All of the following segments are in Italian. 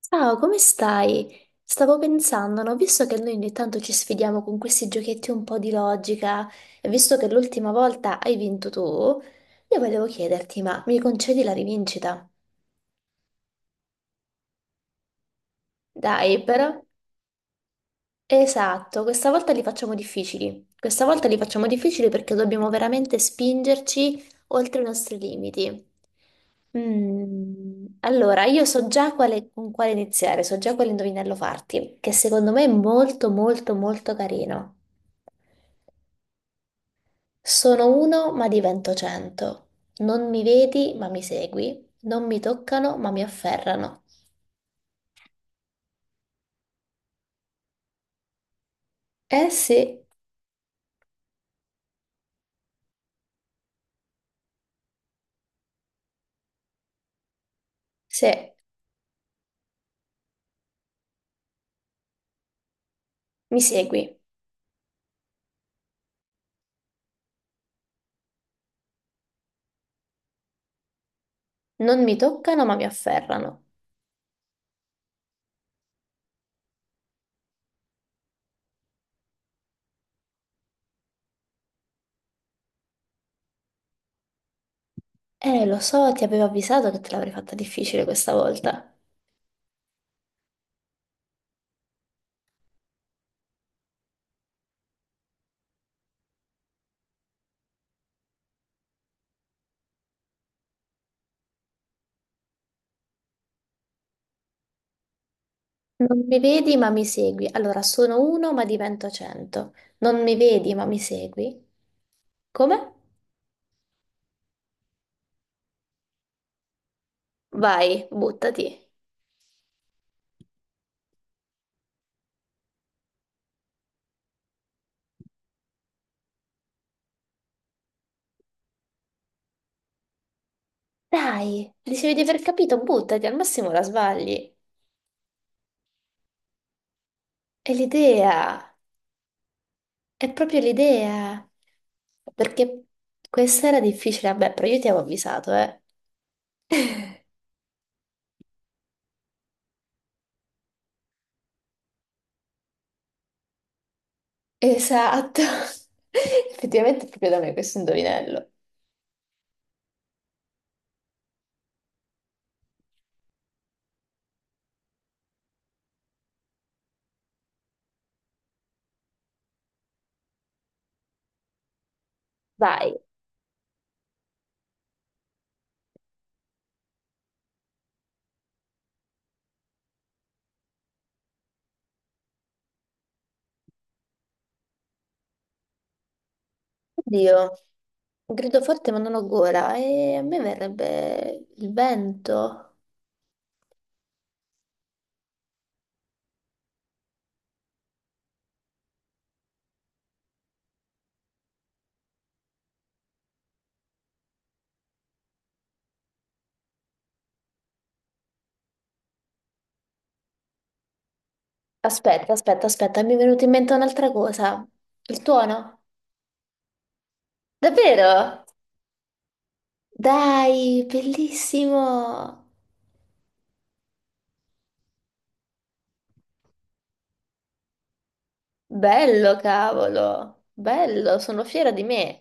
Ciao, come stai? Stavo pensando, no? Visto che noi ogni tanto ci sfidiamo con questi giochetti un po' di logica, e visto che l'ultima volta hai vinto tu, io volevo chiederti, ma mi concedi la rivincita? Dai, però Esatto, questa volta li facciamo difficili. Questa volta li facciamo difficili perché dobbiamo veramente spingerci oltre i nostri limiti. Allora, io so già con quale iniziare, so già quale indovinello farti, che secondo me è molto molto molto carino. Sono uno ma divento cento. Non mi vedi ma mi segui. Non mi toccano ma mi afferrano. Eh sì, sì, mi segui. Non mi toccano ma mi afferrano. Lo so, ti avevo avvisato che te l'avrei fatta difficile questa volta. Non mi vedi ma mi segui. Allora, sono uno ma divento cento. Non mi vedi ma mi segui. Come? Vai, buttati. Dai, dicevi di aver capito, buttati, al massimo la sbagli. È l'idea, è proprio l'idea. Perché questa era difficile, vabbè, però io ti avevo avvisato, eh. Esatto. Effettivamente è proprio da me questo indovinello. Vai. Oddio, grido forte ma non ho gola e a me verrebbe il vento. Aspetta, aspetta, aspetta, mi è venuta in mente un'altra cosa. Il tuono? Davvero? Dai, bellissimo! Bello, cavolo, bello, sono fiera di me.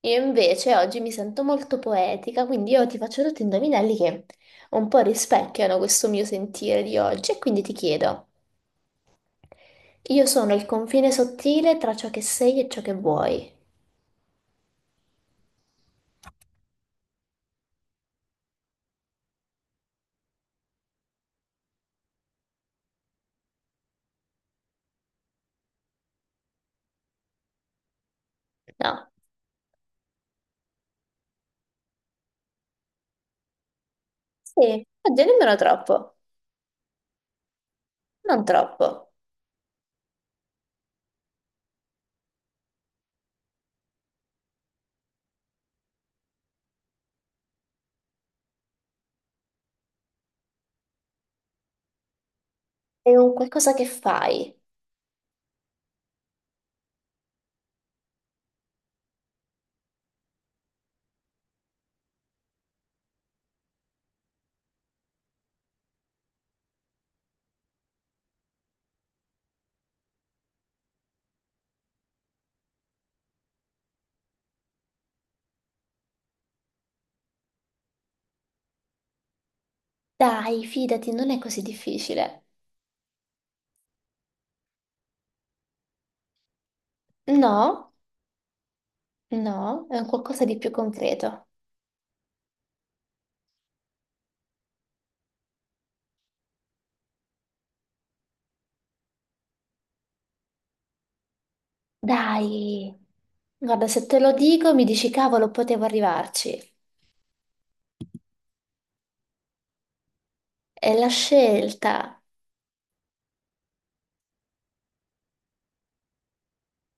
Io invece oggi mi sento molto poetica, quindi io ti faccio tutti indovinelli che un po' rispecchiano questo mio sentire di oggi e quindi ti chiedo, io sono il confine sottile tra ciò che sei e ciò che vuoi. No? Sì, oddio, nemmeno troppo, non troppo. È un qualcosa che fai. Dai, fidati, non è così difficile. No, no, è un qualcosa di più concreto. Dai, guarda, se te lo dico mi dici cavolo, potevo arrivarci. È la scelta.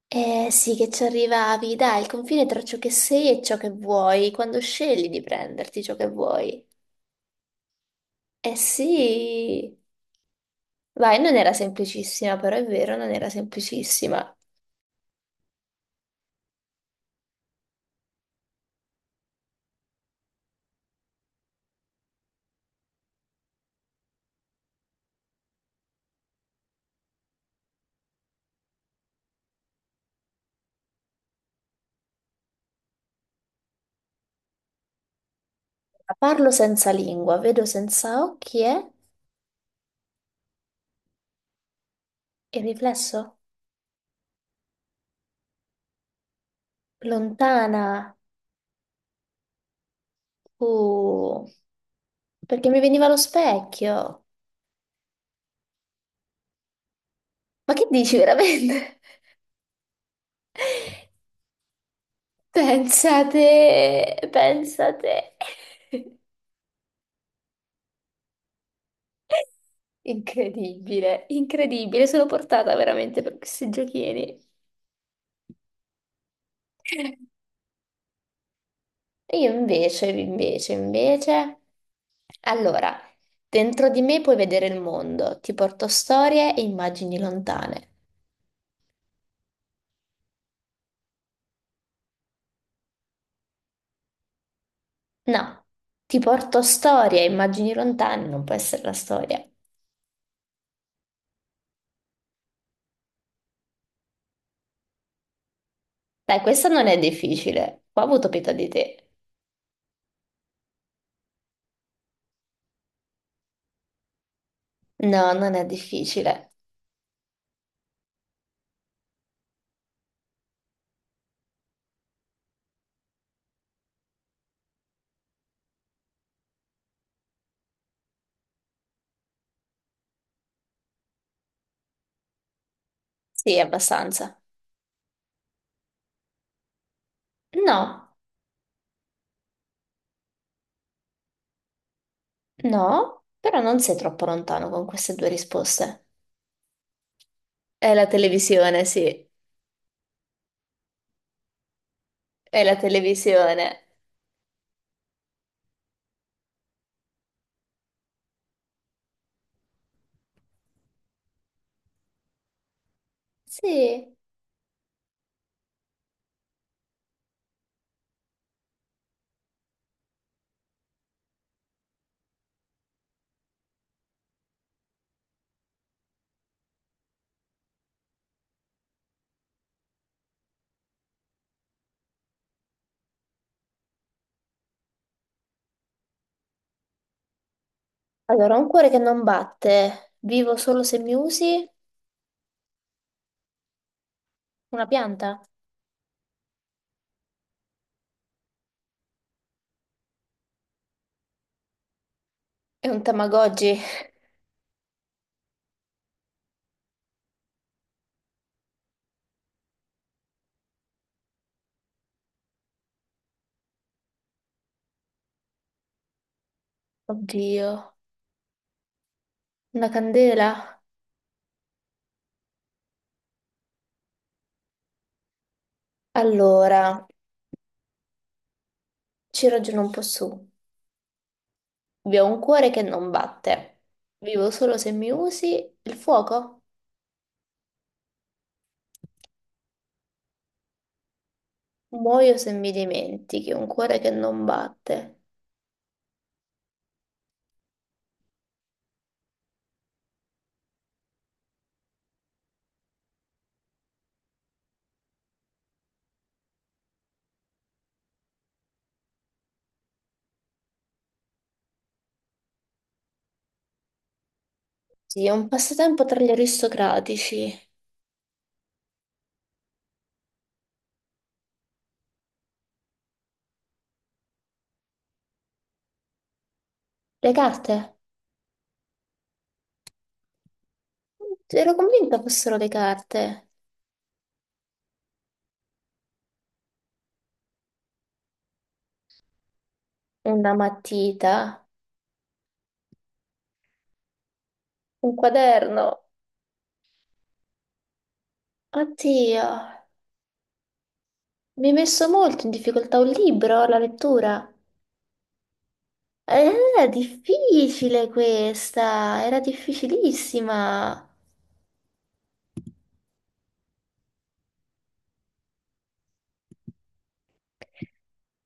Eh sì, che ci arrivavi, dai, il confine tra ciò che sei e ciò che vuoi, quando scegli di prenderti ciò che vuoi. Eh sì, vai, non era semplicissima, però è vero, non era semplicissima. Parlo senza lingua, vedo senza occhi, eh? E il riflesso. Lontana, uh, perché mi veniva lo specchio. Ma che dici veramente? Pensate, pensate. Incredibile, incredibile, sono portata veramente per questi giochini. E io invece, invece, invece. Allora, dentro di me puoi vedere il mondo, ti porto storie e immagini lontane. No, ti porto storie e immagini lontane, non può essere la storia. Dai, questa non è difficile. Qua ho avuto pietà di te. No, non è difficile. Sì, abbastanza. No. No, però non sei troppo lontano con queste due risposte. È la televisione, sì. È la televisione. Sì. Allora, un cuore che non batte. Vivo solo se mi usi. Una pianta. È un Tamagotchi. Oddio. Una candela. Allora, ci ragiono un po' su. Vi ho un cuore che non batte. Vivo solo se mi usi. Il fuoco. Muoio se mi dimentichi. Un cuore che non batte. Sì, è un passatempo tra gli aristocratici. Le carte? Ero convinta fossero le carte. Una matita, un quaderno. Oddio, mi hai messo molto in difficoltà un libro, la lettura. Era difficile questa, era difficilissima.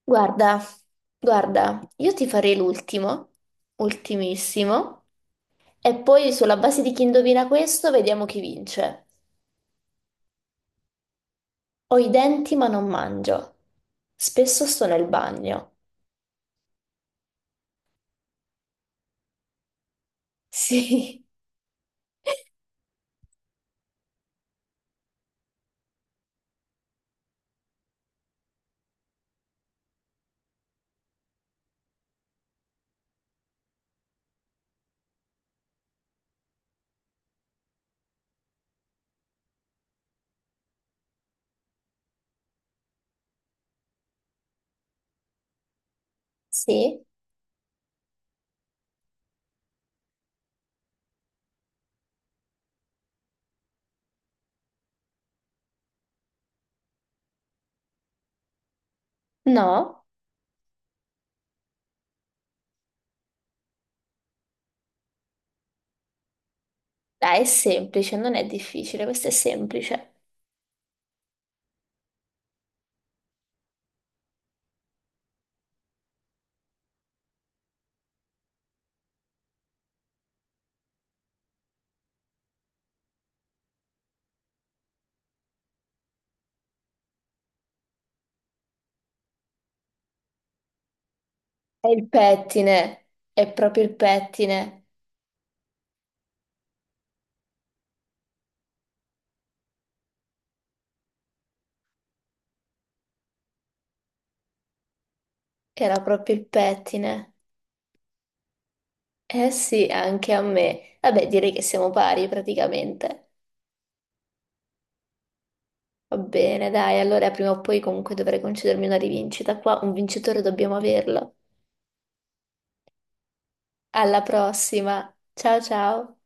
Guarda, guarda, io ti farei l'ultimo, ultimissimo, e poi sulla base di chi indovina questo vediamo chi vince. Ho i denti ma non mangio. Spesso sto nel bagno. Sì, sì, no, dai, è semplice, non è difficile, questo è semplice. È il pettine, è proprio il pettine, era proprio il pettine. Eh sì, anche a me. Vabbè, direi che siamo pari praticamente. Va bene, dai, allora prima o poi comunque dovrei concedermi una rivincita. Qua un vincitore dobbiamo averlo. Alla prossima. Ciao ciao.